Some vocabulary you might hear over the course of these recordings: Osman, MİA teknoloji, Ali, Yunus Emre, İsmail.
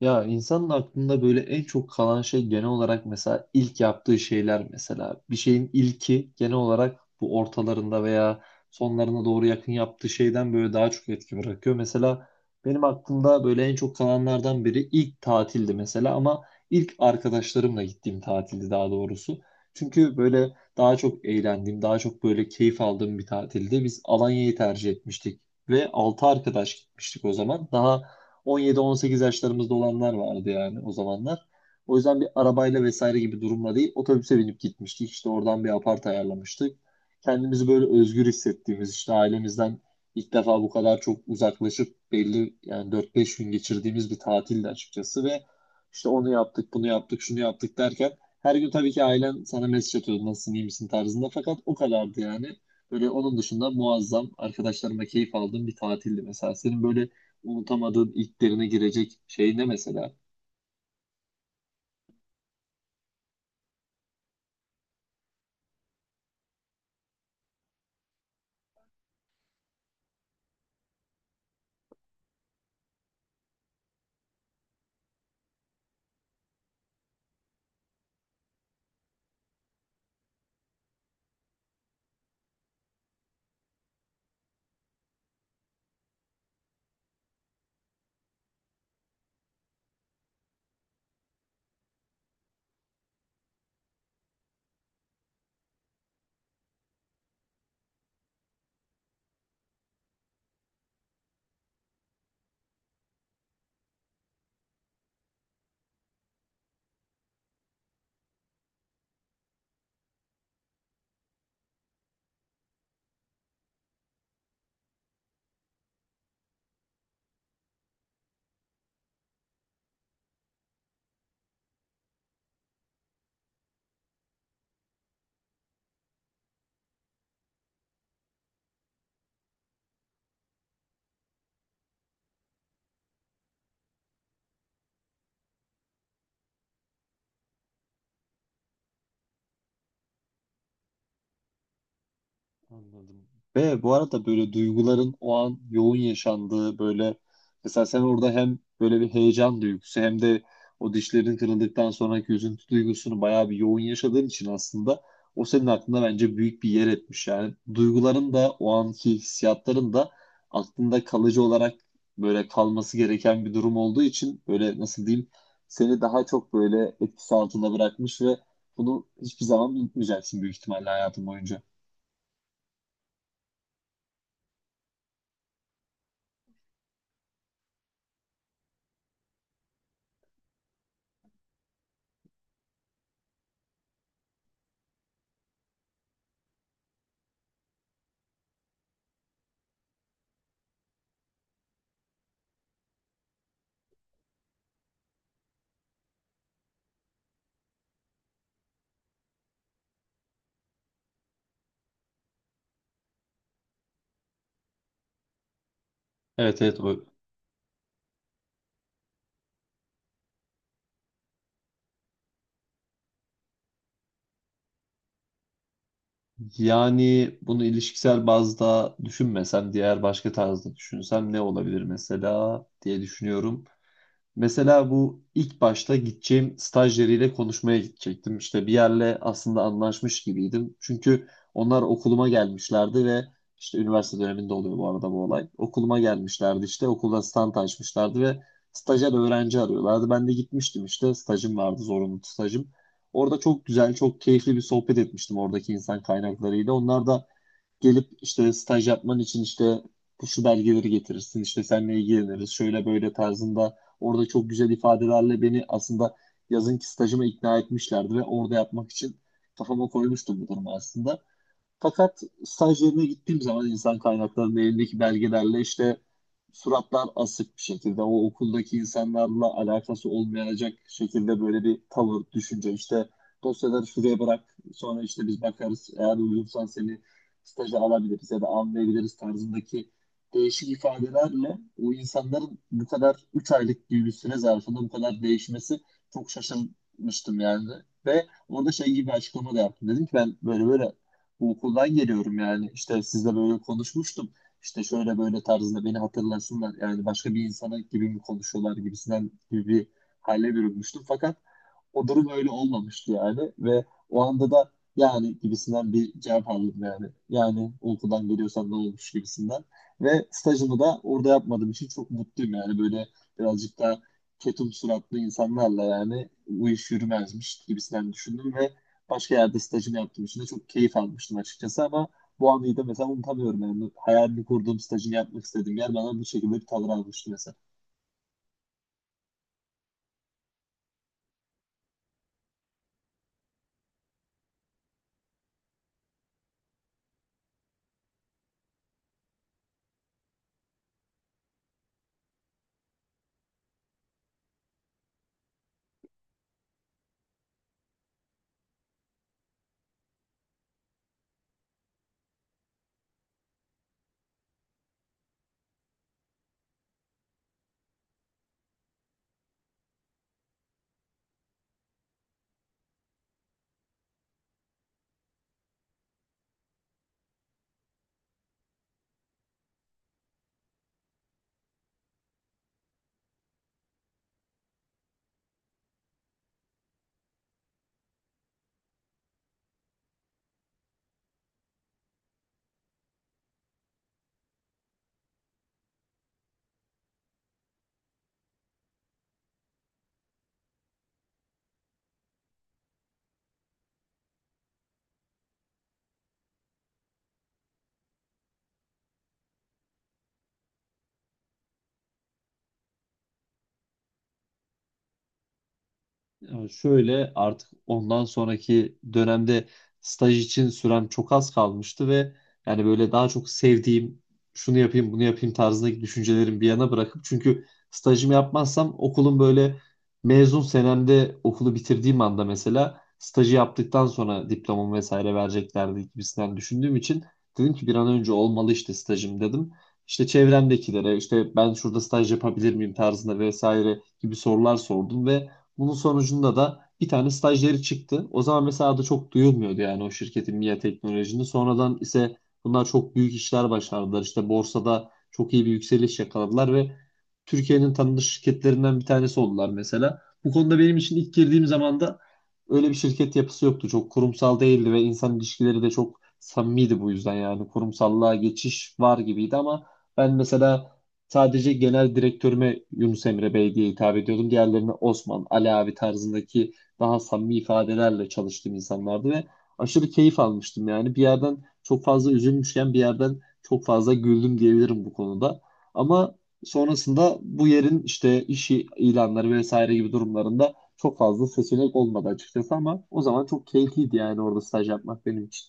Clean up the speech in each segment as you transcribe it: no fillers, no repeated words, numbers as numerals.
Ya insanın aklında böyle en çok kalan şey genel olarak mesela ilk yaptığı şeyler mesela. Bir şeyin ilki genel olarak bu ortalarında veya sonlarına doğru yakın yaptığı şeyden böyle daha çok etki bırakıyor. Mesela benim aklımda böyle en çok kalanlardan biri ilk tatildi mesela ama ilk arkadaşlarımla gittiğim tatildi daha doğrusu. Çünkü böyle daha çok eğlendiğim, daha çok böyle keyif aldığım bir tatildi. Biz Alanya'yı tercih etmiştik ve 6 arkadaş gitmiştik o zaman. Daha 17-18 yaşlarımızda olanlar vardı yani o zamanlar. O yüzden bir arabayla vesaire gibi durumla değil otobüse binip gitmiştik. İşte oradan bir apart ayarlamıştık. Kendimizi böyle özgür hissettiğimiz işte ailemizden ilk defa bu kadar çok uzaklaşıp belli yani 4-5 gün geçirdiğimiz bir tatildi açıkçası ve işte onu yaptık, bunu yaptık, şunu yaptık derken her gün tabii ki ailen sana mesaj atıyordu nasılsın, iyi misin tarzında fakat o kadardı yani. Böyle onun dışında muazzam arkadaşlarıma keyif aldığım bir tatildi mesela. Senin böyle unutamadığın ilklerine girecek şey ne mesela? Anladım. Ve bu arada böyle duyguların o an yoğun yaşandığı böyle mesela sen orada hem böyle bir heyecan duygusu hem de o dişlerin kırıldıktan sonraki üzüntü duygusunu bayağı bir yoğun yaşadığın için aslında o senin aklında bence büyük bir yer etmiş. Yani duyguların da o anki hissiyatların da aklında kalıcı olarak böyle kalması gereken bir durum olduğu için böyle nasıl diyeyim seni daha çok böyle etkisi altında bırakmış ve bunu hiçbir zaman unutmayacaksın büyük ihtimalle hayatın boyunca. Evet, evet, o. Yani bunu ilişkisel bazda düşünmesem, diğer başka tarzda düşünsem ne olabilir mesela diye düşünüyorum. Mesela bu ilk başta gideceğim stajyeriyle konuşmaya gidecektim. İşte bir yerle aslında anlaşmış gibiydim. Çünkü onlar okuluma gelmişlerdi ve işte üniversite döneminde oluyor bu arada bu olay. Okuluma gelmişlerdi, işte okulda stand açmışlardı ve stajyer öğrenci arıyorlardı. Ben de gitmiştim, işte stajım vardı, zorunlu stajım. Orada çok güzel, çok keyifli bir sohbet etmiştim oradaki insan kaynaklarıyla. Onlar da gelip işte staj yapman için işte şu belgeleri getirirsin, işte seninle ilgileniriz, şöyle böyle tarzında orada çok güzel ifadelerle beni aslında yazınki stajıma ikna etmişlerdi ve orada yapmak için kafama koymuştum bu durumu aslında. Fakat staj yerine gittiğim zaman insan kaynaklarının elindeki belgelerle işte suratlar asık bir şekilde, o okuldaki insanlarla alakası olmayacak şekilde böyle bir tavır, düşünce, işte dosyaları şuraya bırak, sonra işte biz bakarız, eğer uygunsan seni staja alabiliriz ya da almayabiliriz tarzındaki değişik ifadelerle o insanların bu kadar 3 aylık gibi bir süre zarfında bu kadar değişmesi çok şaşırmıştım yani. Ve orada şey gibi bir açıklama da yaptım. Dedim ki ben böyle böyle bu okuldan geliyorum yani, işte sizle böyle konuşmuştum. İşte şöyle böyle tarzında beni hatırlasınlar yani, başka bir insana gibi mi konuşuyorlar gibisinden gibi bir hale bürünmüştüm. Fakat o durum öyle olmamıştı yani ve o anda da yani gibisinden bir cevap aldım yani. Yani o okuldan geliyorsan ne olmuş gibisinden. Ve stajımı da orada yapmadığım için çok mutluyum yani, böyle birazcık daha ketum suratlı insanlarla yani bu iş yürümezmiş gibisinden düşündüm ve başka yerde stajımı yaptığım için de çok keyif almıştım açıkçası, ama bu anıyı da mesela unutamıyorum yani, hayalini kurduğum, stajını yapmak istediğim yer bana bu şekilde bir tavır almıştı mesela. Ya şöyle, artık ondan sonraki dönemde staj için sürem çok az kalmıştı ve yani böyle daha çok sevdiğim şunu yapayım bunu yapayım tarzındaki düşüncelerimi bir yana bırakıp, çünkü stajımı yapmazsam okulun böyle mezun senemde okulu bitirdiğim anda mesela stajı yaptıktan sonra diplomamı vesaire vereceklerdi gibisinden düşündüğüm için dedim ki bir an önce olmalı işte stajım dedim. İşte çevremdekilere işte ben şurada staj yapabilir miyim tarzında vesaire gibi sorular sordum ve bunun sonucunda da bir tane stajyeri çıktı. O zaman mesela da çok duyulmuyordu yani, o şirketin, MİA teknolojinin. Sonradan ise bunlar çok büyük işler başardılar. İşte borsada çok iyi bir yükseliş yakaladılar ve Türkiye'nin tanınmış şirketlerinden bir tanesi oldular mesela. Bu konuda benim için ilk girdiğim zaman da öyle bir şirket yapısı yoktu. Çok kurumsal değildi ve insan ilişkileri de çok samimiydi bu yüzden yani. Kurumsallığa geçiş var gibiydi ama ben mesela sadece genel direktörüme Yunus Emre Bey diye hitap ediyordum. Diğerlerine Osman, Ali abi tarzındaki daha samimi ifadelerle çalıştığım insanlardı ve aşırı keyif almıştım yani. Bir yerden çok fazla üzülmüşken bir yerden çok fazla güldüm diyebilirim bu konuda. Ama sonrasında bu yerin işte iş ilanları vesaire gibi durumlarında çok fazla seçenek olmadı açıkçası, ama o zaman çok keyifliydi yani orada staj yapmak benim için.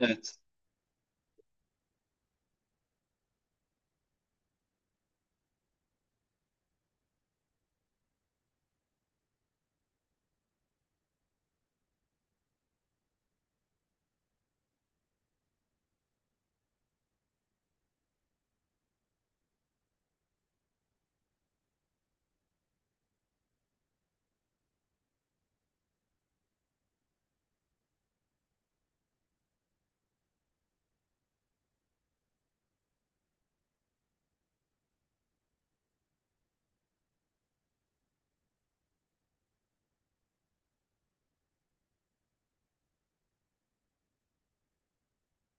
Evet.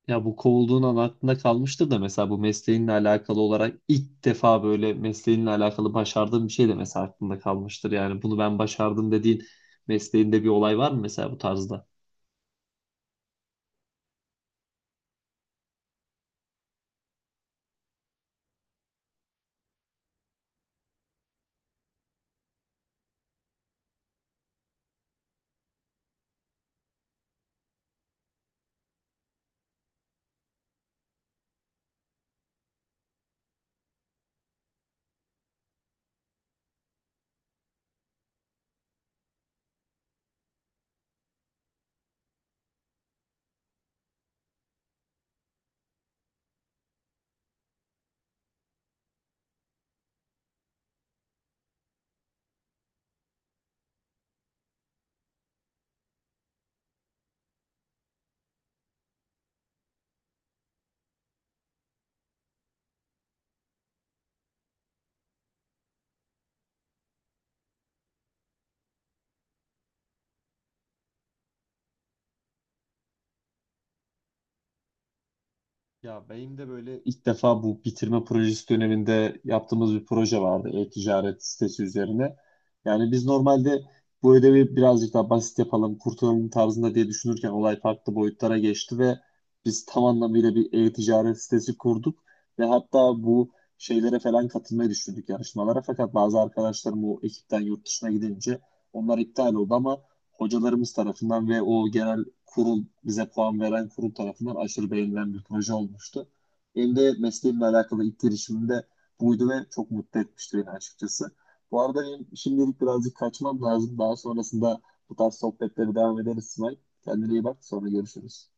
Ya bu kovulduğun an aklında kalmıştır da mesela bu mesleğinle alakalı olarak ilk defa böyle mesleğinle alakalı başardığın bir şey de mesela aklında kalmıştır. Yani bunu ben başardım dediğin mesleğinde bir olay var mı mesela bu tarzda? Ya benim de böyle ilk defa bu bitirme projesi döneminde yaptığımız bir proje vardı e-ticaret sitesi üzerine. Yani biz normalde bu ödevi birazcık daha basit yapalım, kurtulalım tarzında diye düşünürken olay farklı boyutlara geçti ve biz tam anlamıyla bir e-ticaret sitesi kurduk ve hatta bu şeylere falan katılmayı düşündük, yarışmalara. Fakat bazı arkadaşlarım o ekipten yurt dışına gidince onlar iptal oldu, ama hocalarımız tarafından ve o genel kurul, bize puan veren kurul tarafından aşırı beğenilen bir proje olmuştu. Benim de mesleğimle alakalı ilk girişimimde buydu ve çok mutlu etmişti beni açıkçası. Bu arada benim şimdilik birazcık kaçmam lazım. Daha sonrasında bu tarz sohbetleri devam ederiz İsmail. Kendine iyi bak. Sonra görüşürüz.